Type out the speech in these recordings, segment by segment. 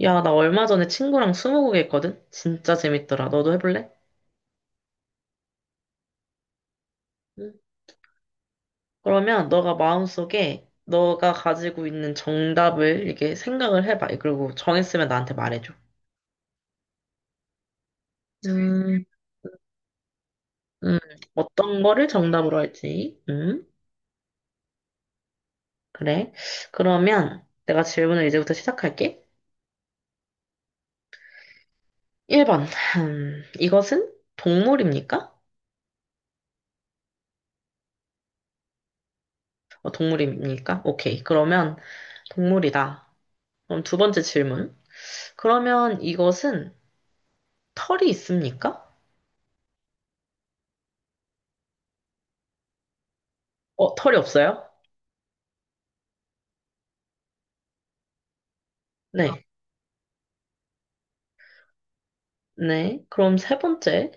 야, 나 얼마 전에 친구랑 스무고개 했거든? 진짜 재밌더라. 너도 해볼래? 응. 그러면 너가 마음속에 너가 가지고 있는 정답을 이렇게 생각을 해봐. 그리고 정했으면 나한테 말해줘. 음, 음, 어떤 거를 정답으로 할지. 그래. 그러면 내가 질문을 이제부터 시작할게. 1번. 이것은 동물입니까? 동물입니까? 오케이. 그러면 동물이다. 그럼 두 번째 질문. 그러면 이것은 털이 있습니까? 털이 없어요? 네. 아, 네. 그럼 세 번째.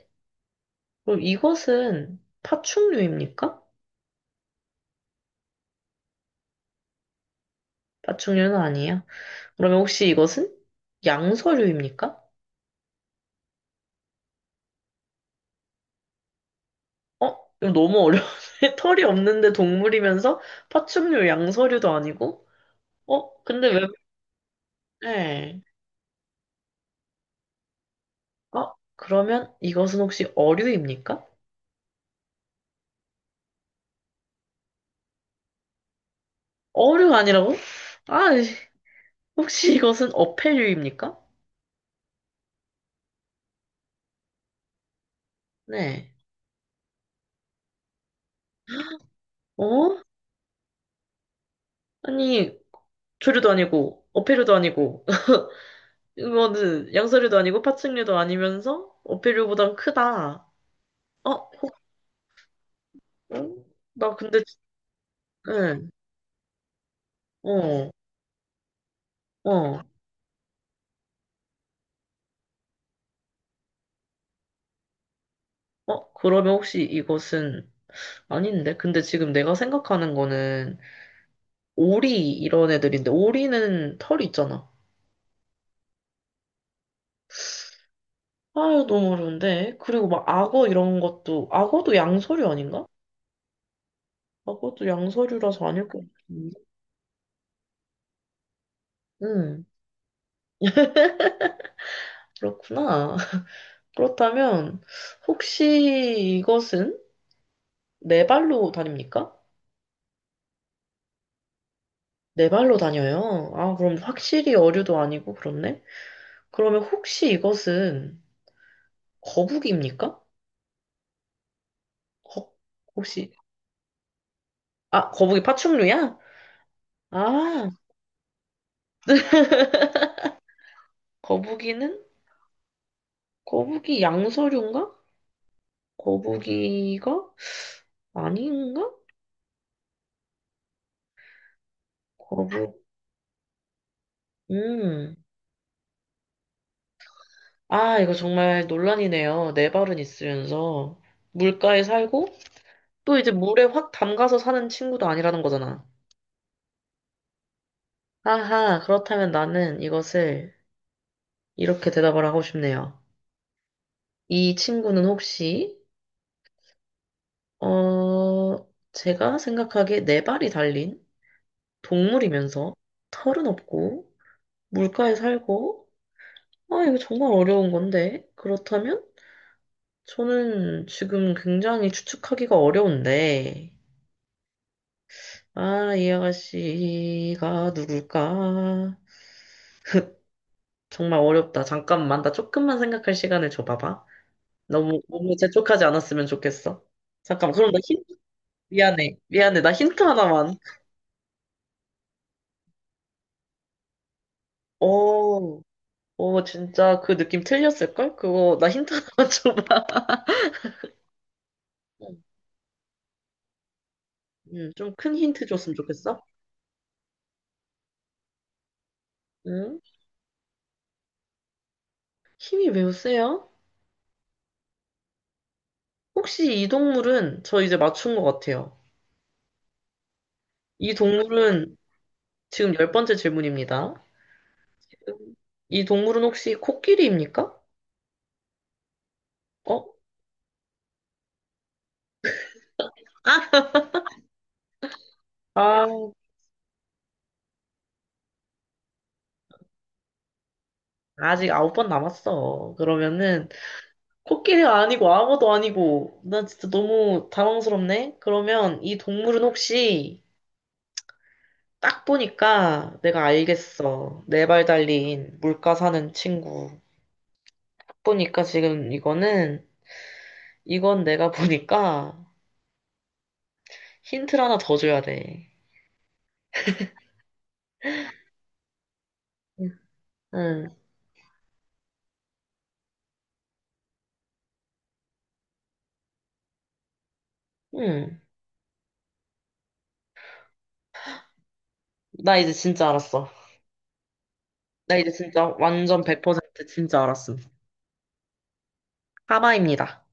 그럼 이것은 파충류입니까? 파충류는 아니에요. 그러면 혹시 이것은 양서류입니까? 어? 이거 너무 어려운데? 털이 없는데 동물이면서 파충류, 양서류도 아니고? 어? 근데 왜, 네. 어? 그러면 이것은 혹시 어류입니까? 어류가 아니라고? 아, 혹시 이것은 어패류입니까? 네. 어? 아니, 조류도 아니고, 어패류도 아니고, 이거는 양서류도 아니고 파충류도 아니면서 어패류보단 크다. 어? 어? 나 근데 지- 응. 어. 어. 어? 그러면 혹시 이것은 아닌데? 근데 지금 내가 생각하는 거는 오리 이런 애들인데 오리는 털이 있잖아. 아유 너무 어려운데. 그리고 막 악어 이런 것도 악어도 양서류 아닌가? 악어도 양서류라서 아닐 것 같은데. 응. 그렇구나. 그렇다면 혹시 이것은 네 발로 다닙니까? 네 발로 다녀요? 아, 그럼 확실히 어류도 아니고 그렇네? 그러면 혹시 이것은 거북이입니까? 거, 혹시, 아, 거북이 파충류야? 아, 거북이는? 거북이 양서류인가? 거북이가? 아닌가? 거북, 음. 아, 이거 정말 논란이네요. 네 발은 있으면서. 물가에 살고, 또 이제 물에 확 담가서 사는 친구도 아니라는 거잖아. 아하, 그렇다면 나는 이것을 이렇게 대답을 하고 싶네요. 이 친구는 혹시, 어, 제가 생각하기에 네 발이 달린 동물이면서 털은 없고 물가에 살고, 아, 이거 정말 어려운 건데. 그렇다면 저는 지금 굉장히 추측하기가 어려운데, 아, 이 아가씨가 누굴까? 정말 어렵다. 잠깐만, 나 조금만 생각할 시간을 줘봐봐. 너무, 너무 재촉하지 않았으면 좋겠어. 잠깐만, 그럼 나 힌트, 미안해. 미안해, 나 힌트 하나만. 어, 진짜 그 느낌 틀렸을걸? 그거 나 힌트 하나 줘봐. 좀 큰 힌트 줬으면 좋겠어. 음? 힘이 매우 세요? 혹시 이 동물은 저 이제 맞춘 것 같아요. 이 동물은 지금 열 번째 질문입니다. 음, 이 동물은 혹시 코끼리입니까? 어? 아, 아직 아홉 번 남았어. 그러면은 코끼리가 아니고 아무도 아니고 나 진짜 너무 당황스럽네. 그러면 이 동물은 혹시 딱 보니까 내가 알겠어. 네발 달린 물가 사는 친구. 딱 보니까 지금 이거는, 이건 내가 보니까 힌트를 하나 더 줘야 돼. 응, 응. 나 이제 진짜 알았어. 나 이제 진짜 완전 100% 진짜 알았음. 하마입니다.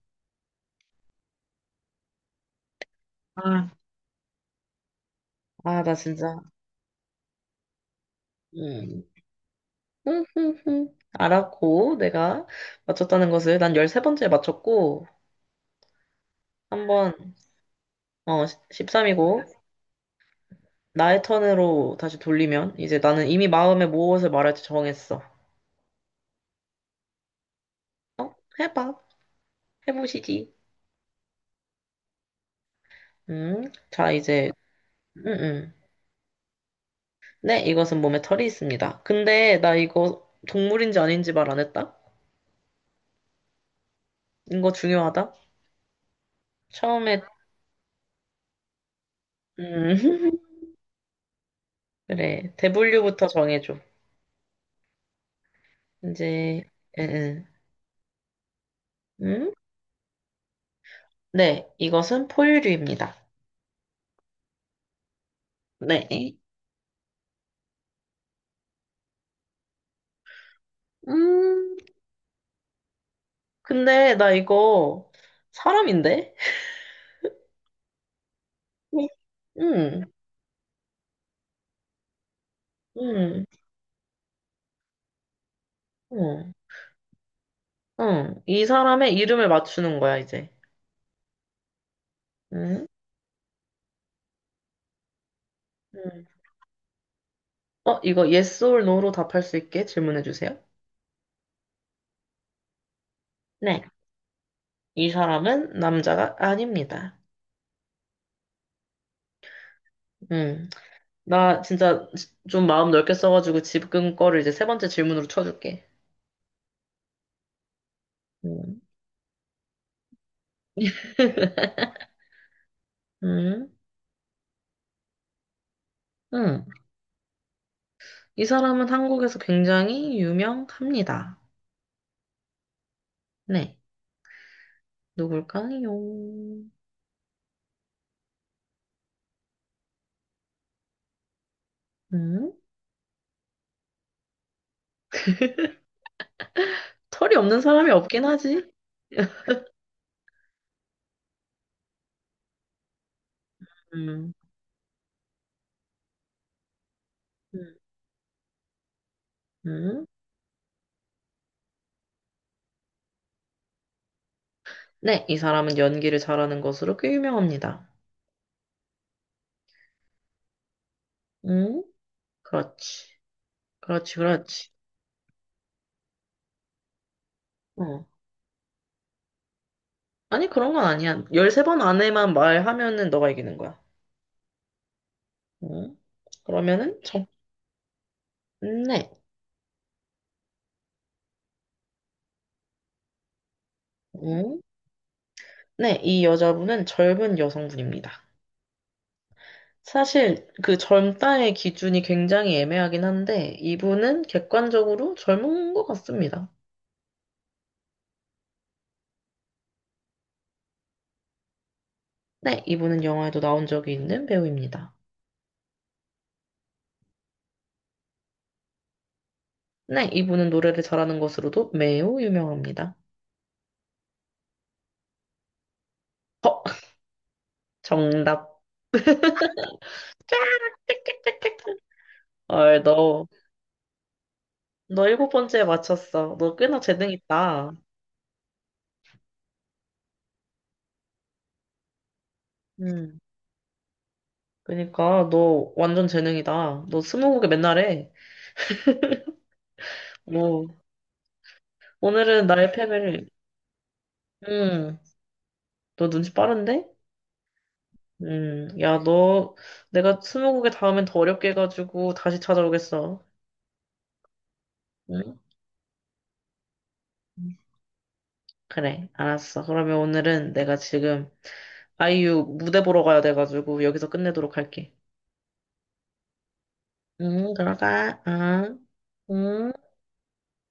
아, 아, 나 진짜. 응. 응, 응, 응. 알았고, 내가 맞췄다는 것을 난 13번째에 맞췄고, 한번, 어, 13이고, 나의 턴으로 다시 돌리면 이제 나는 이미 마음에 무엇을 말할지 정했어. 어? 해봐. 해보시지. 자, 이제, 음, 음. 네, 이것은 몸에 털이 있습니다. 근데 나 이거 동물인지 아닌지 말 안 했다? 이거 중요하다. 처음에, 음, 그래. 대분류부터 정해줘. 이제, 음, 음? 네, 이것은 포유류입니다. 네. 음, 근데 나 이거 사람인데? 음, 음, 음. 응, 이 사람의 이름을 맞추는 거야, 이제. 응? 응. 어, 이거 yes or no로 답할 수 있게 질문해 주세요. 네. 이 사람은 남자가 아닙니다. 응. 나 진짜 지- 좀 마음 넓게 써가지고 지금 거를 이제 세 번째 질문으로 쳐줄게. 응. 응. 응. 이 사람은 한국에서 굉장히 유명합니다. 네. 누굴까요? 응? 털이 없는 사람이 없긴 하지. 응. 응. 응. 네, 이 사람은 연기를 잘하는 것으로 꽤 유명합니다. 응? 그렇지. 그렇지, 그렇지. 어. 아니, 그런 건 아니야. 13번 안에만 말하면은 너가 이기는 거야. 응? 그러면은, 정, 네. 응? 네, 이 여자분은 젊은 여성분입니다. 사실 그 젊다의 기준이 굉장히 애매하긴 한데, 이분은 객관적으로 젊은 것 같습니다. 네, 이분은 영화에도 나온 적이 있는 배우입니다. 네, 이분은 노래를 잘하는 것으로도 매우 유명합니다. 어, 정답. 아, 너, 너 일곱 번째에 맞췄어. 너 꽤나 재능 있다. 음. 그니까, 너 완전 재능이다. 너 스무고개 맨날 해. 오, 오늘은 나의 패배를. 음, 너 눈치 빠른데? 야, 너, 내가 스무고개 다음엔 더 어렵게 해가지고 다시 찾아오겠어. 응? 그래, 알았어. 그러면 오늘은 내가 지금 아이유 무대 보러 가야 돼가지고 여기서 끝내도록 할게. 응, 들어가. 응. 응.